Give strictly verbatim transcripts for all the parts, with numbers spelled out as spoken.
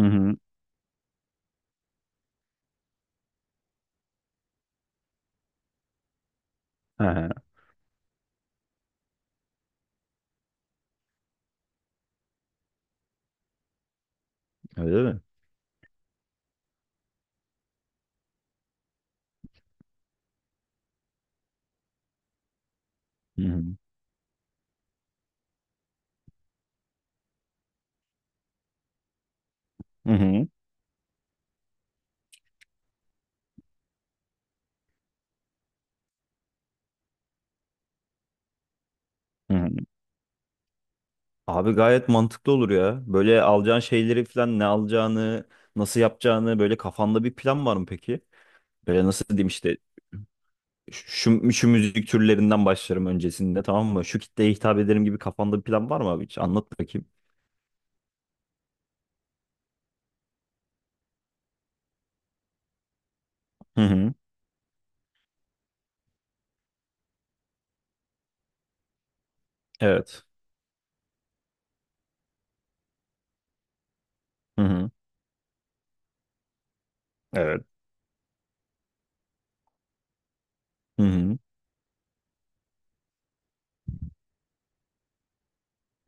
Hı hı. Aha, öyle mi? Hı hı. Hı hı. Hı hı. Abi gayet mantıklı olur ya. Böyle alacağın şeyleri falan ne alacağını, nasıl yapacağını böyle kafanda bir plan var mı peki? Böyle nasıl diyeyim işte şu, şu müzik türlerinden başlarım öncesinde tamam mı? Şu kitleye hitap ederim gibi kafanda bir plan var mı abi hiç? Anlat bakayım. Hı hı. Evet. Hı hı. Evet. Hı hı.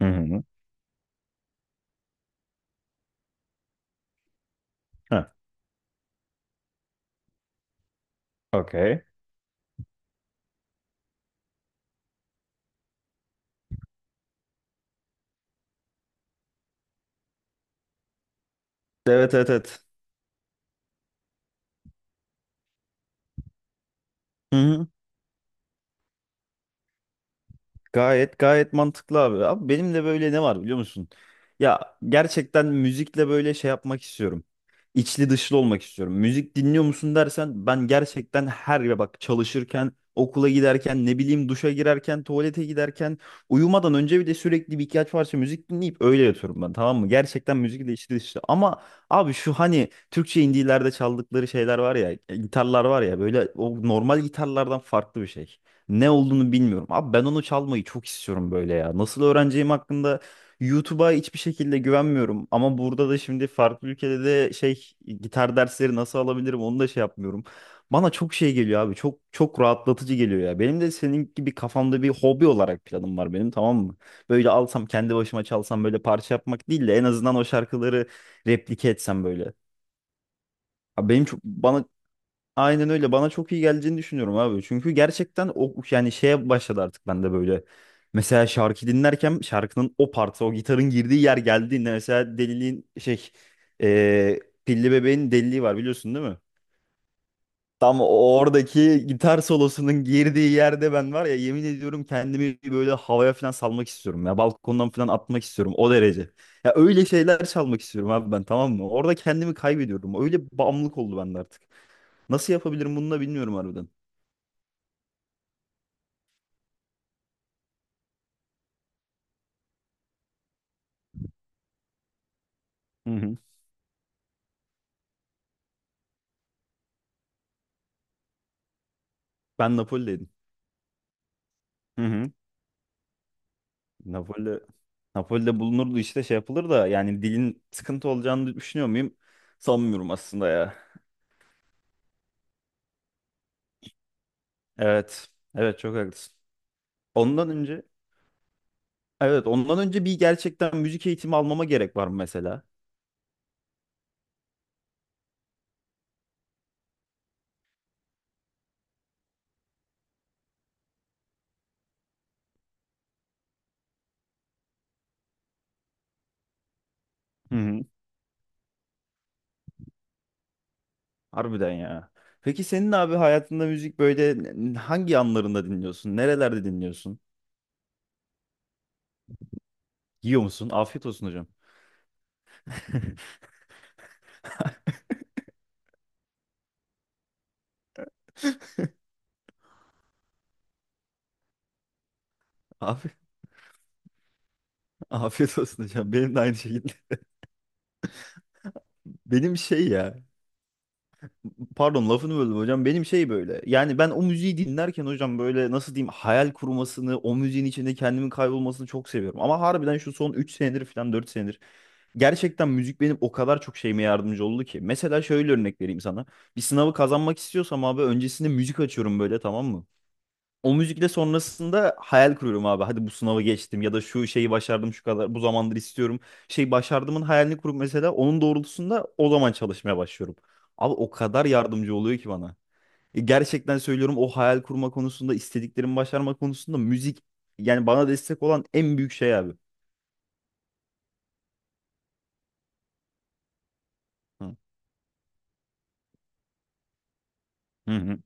Hı hı. Ha. Okey. Evet evet evet. Hı hı. Gayet gayet mantıklı abi. Abi benim de böyle ne var biliyor musun? Ya gerçekten müzikle böyle şey yapmak istiyorum. İçli dışlı olmak istiyorum. Müzik dinliyor musun dersen ben gerçekten her ya bak çalışırken, okula giderken, ne bileyim duşa girerken, tuvalete giderken, uyumadan önce bile sürekli bir ihtiyaç varsa müzik dinleyip öyle yatıyorum ben tamam mı? Gerçekten müzikle içli dışlı. Ama abi şu hani Türkçe indilerde çaldıkları şeyler var ya, gitarlar var ya böyle o normal gitarlardan farklı bir şey. Ne olduğunu bilmiyorum. Abi ben onu çalmayı çok istiyorum böyle ya. Nasıl öğreneceğim hakkında YouTube'a hiçbir şekilde güvenmiyorum. Ama burada da şimdi farklı ülkede de şey gitar dersleri nasıl alabilirim onu da şey yapmıyorum. Bana çok şey geliyor abi. Çok çok rahatlatıcı geliyor ya. Benim de senin gibi kafamda bir hobi olarak planım var benim tamam mı? Böyle alsam kendi başıma çalsam böyle parça yapmak değil de en azından o şarkıları replike etsem böyle. Abi benim çok bana aynen öyle. Bana çok iyi geleceğini düşünüyorum abi. Çünkü gerçekten o yani şeye başladı artık ben de böyle. Mesela şarkı dinlerken şarkının o partı, o gitarın girdiği yer geldiğinde mesela deliliğin şey eee, Pilli Bebeğin deliliği var biliyorsun değil mi? Tam o- oradaki gitar solosunun girdiği yerde ben var ya yemin ediyorum kendimi böyle havaya falan salmak istiyorum ya. Balkondan falan atmak istiyorum o derece. Ya öyle şeyler çalmak istiyorum abi ben tamam mı? Orada kendimi kaybediyorum. Öyle bağımlılık oldu bende artık. Nasıl yapabilirim bunu da bilmiyorum harbiden. Hı hı. Ben Napoli'deydim. Hı hı. Napoli, Napoli'de bulunurdu işte şey yapılır da yani dilin sıkıntı olacağını düşünüyor muyum? Sanmıyorum aslında ya. Evet. Evet çok haklısın. Ondan önce evet ondan önce bir gerçekten müzik eğitimi almama gerek var mı mesela? Hı hı. Harbiden ya. Peki senin abi hayatında müzik böyle n- hangi anlarında dinliyorsun? Nerelerde dinliyorsun? Yiyor musun? Afiyet olsun hocam. Af afiyet olsun hocam. Benim de aynı şekilde. Benim şey ya. Pardon lafını böldüm hocam. Benim şey böyle. Yani ben o müziği dinlerken hocam böyle nasıl diyeyim hayal kurmasını, o müziğin içinde kendimin kaybolmasını çok seviyorum. Ama harbiden şu son üç senedir falan dört senedir gerçekten müzik benim o kadar çok şeyime yardımcı oldu ki. Mesela şöyle örnek vereyim sana. Bir sınavı kazanmak istiyorsam abi öncesinde müzik açıyorum böyle tamam mı? O müzikle sonrasında hayal kuruyorum abi. Hadi bu sınavı geçtim ya da şu şeyi başardım şu kadar bu zamandır istiyorum. Şey başardımın hayalini kurup mesela onun doğrultusunda o zaman çalışmaya başlıyorum. Abi o kadar yardımcı oluyor ki bana. E, Gerçekten söylüyorum o hayal kurma konusunda istediklerimi başarma konusunda müzik yani bana destek olan en büyük şey abi. Hı hı. Hı.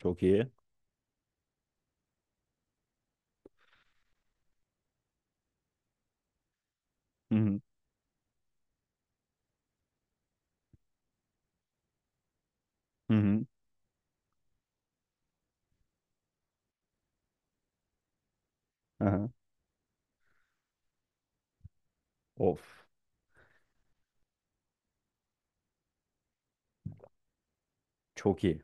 Çok iyi. Hı hı. Hı hı. Aha. Of. Çok iyi.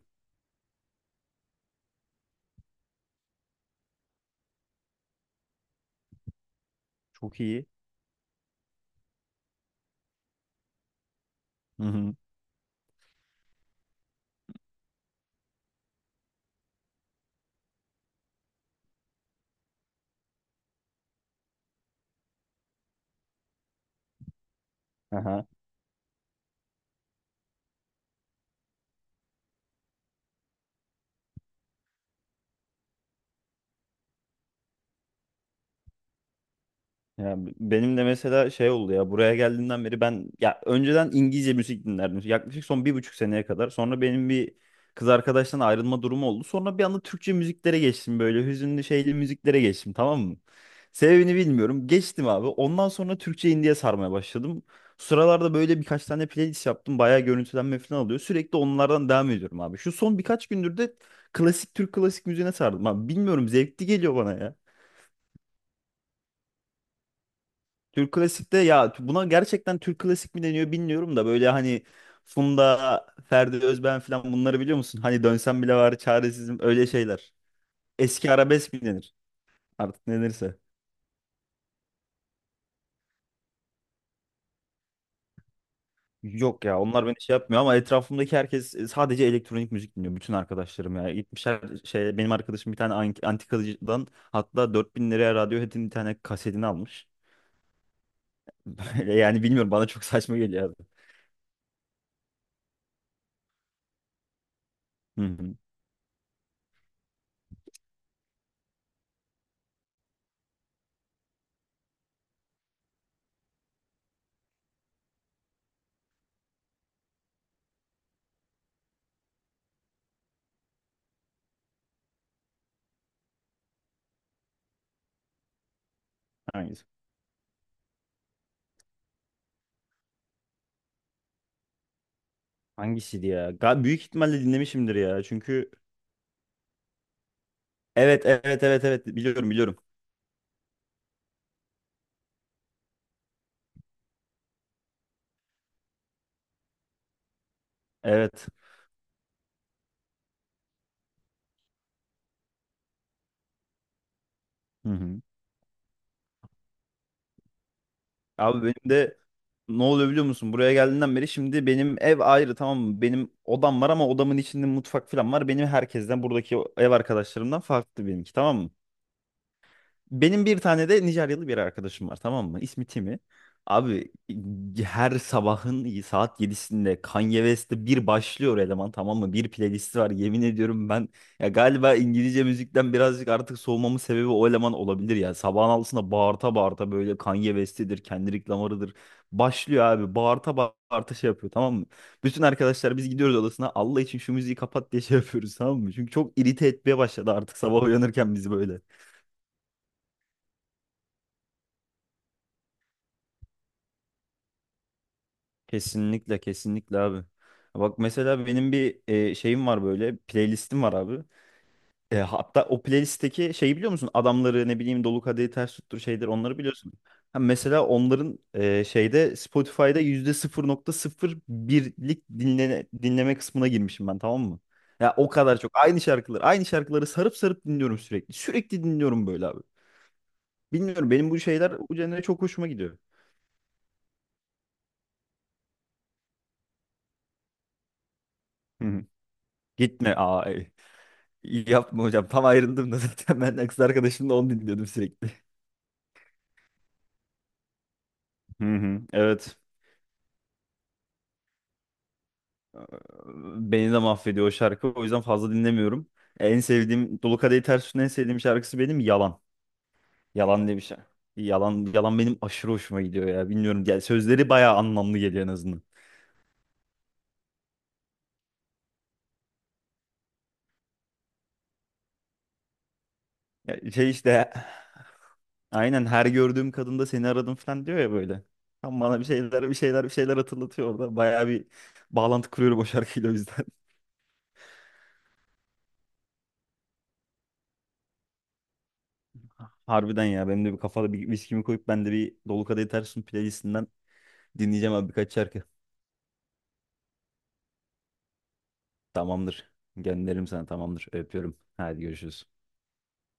Çok iyi. Hı hı. Aha. Ya b- benim de mesela şey oldu ya buraya geldiğimden beri ben ya önceden İngilizce müzik dinlerdim. Yaklaşık son bir buçuk seneye kadar. Sonra benim bir kız arkadaştan ayrılma durumu oldu. Sonra bir anda Türkçe müziklere geçtim böyle hüzünlü şeyli müziklere geçtim tamam mı? Sebebini bilmiyorum. Geçtim abi. Ondan sonra Türkçe indie'ye sarmaya başladım. Sıralarda böyle birkaç tane playlist yaptım. Bayağı görüntülenme falan alıyor. Sürekli onlardan devam ediyorum abi. Şu son birkaç gündür de klasik Türk klasik müziğine sardım abi. Bilmiyorum zevkli geliyor bana ya. Türk klasikte ya buna gerçekten Türk klasik mi deniyor bilmiyorum da böyle hani Funda, Ferdi Özben falan bunları biliyor musun? Hani dönsem bile var çaresizim öyle şeyler. Eski arabesk mi denir? Artık ne denirse. Yok ya onlar beni şey yapmıyor ama etrafımdaki herkes sadece elektronik müzik dinliyor. Bütün arkadaşlarım ya. Gitmişler şey benim arkadaşım bir tane an- antikacıdan hatta dört bin liraya Radiohead'in bir tane kasetini almış. Böyle yani bilmiyorum bana çok saçma geliyor abi. Hı hı. Hangisi? Hangisiydi ya? Ga- büyük ihtimalle dinlemişimdir ya. Çünkü evet evet evet evet biliyorum biliyorum. Evet. Hı hı. Abi benim de ne oluyor biliyor musun? Buraya geldiğinden beri şimdi benim ev ayrı tamam mı? Benim odam var ama odamın içinde mutfak falan var. Benim herkesten buradaki ev arkadaşlarımdan farklı benimki tamam mı? Benim bir tane de Nijeryalı bir arkadaşım var tamam mı? İsmi Timi. Abi her sabahın saat yedisinde Kanye West'te bir başlıyor eleman tamam mı? Bir playlisti var yemin ediyorum ben ya galiba İngilizce müzikten birazcık artık soğumamın sebebi o eleman olabilir ya. Sabahın altısında bağırta bağırta böyle Kanye West'idir, Kendrick Lamar'ıdır. Başlıyor abi bağırta bağırta şey yapıyor tamam mı? Bütün arkadaşlar biz gidiyoruz odasına Allah için şu müziği kapat diye şey yapıyoruz tamam mı? Çünkü çok irite etmeye başladı artık sabah uyanırken bizi böyle. Kesinlikle kesinlikle abi. Bak mesela benim bir e, şeyim var böyle playlistim var abi. E, hatta o playlistteki şeyi biliyor musun? Adamları ne bileyim Dolu Kadehi Ters Tuttur şeyler onları biliyorsun. Ha, mesela onların e, şeyde Spotify'da yüzde sıfır sıfır nokta sıfır birlik dinleme, dinleme kısmına girmişim ben tamam mı? Ya o kadar çok aynı şarkıları aynı şarkıları sarıp sarıp dinliyorum sürekli. Sürekli dinliyorum böyle abi. Bilmiyorum benim bu şeyler bu genre çok hoşuma gidiyor. Hı hı. Gitme aa. İyi yapma hocam. Tam ayrıldım da zaten ben kız arkadaşımla onu dinliyordum sürekli. Hı hı, evet. Beni de mahvediyor o şarkı. O yüzden fazla dinlemiyorum. En sevdiğim Dolu Kadehi Ters Tut'un en sevdiğim şarkısı benim Yalan. Yalan diye bir şey. Yalan, yalan benim aşırı hoşuma gidiyor ya. Bilmiyorum. Yani sözleri bayağı anlamlı geliyor en azından. Ya şey işte aynen her gördüğüm kadında seni aradım falan diyor ya böyle. Tam bana bir şeyler bir şeyler bir şeyler hatırlatıyor orada. Bayağı bir bağlantı kuruyorum o şarkıyla o yüzden. Harbiden ya benim de bir kafada bir viskimi koyup ben de bir Dolu Kadehi Ters Tut playlistinden dinleyeceğim abi birkaç şarkı. Tamamdır. Gönderirim sana tamamdır. Öpüyorum. Hadi görüşürüz.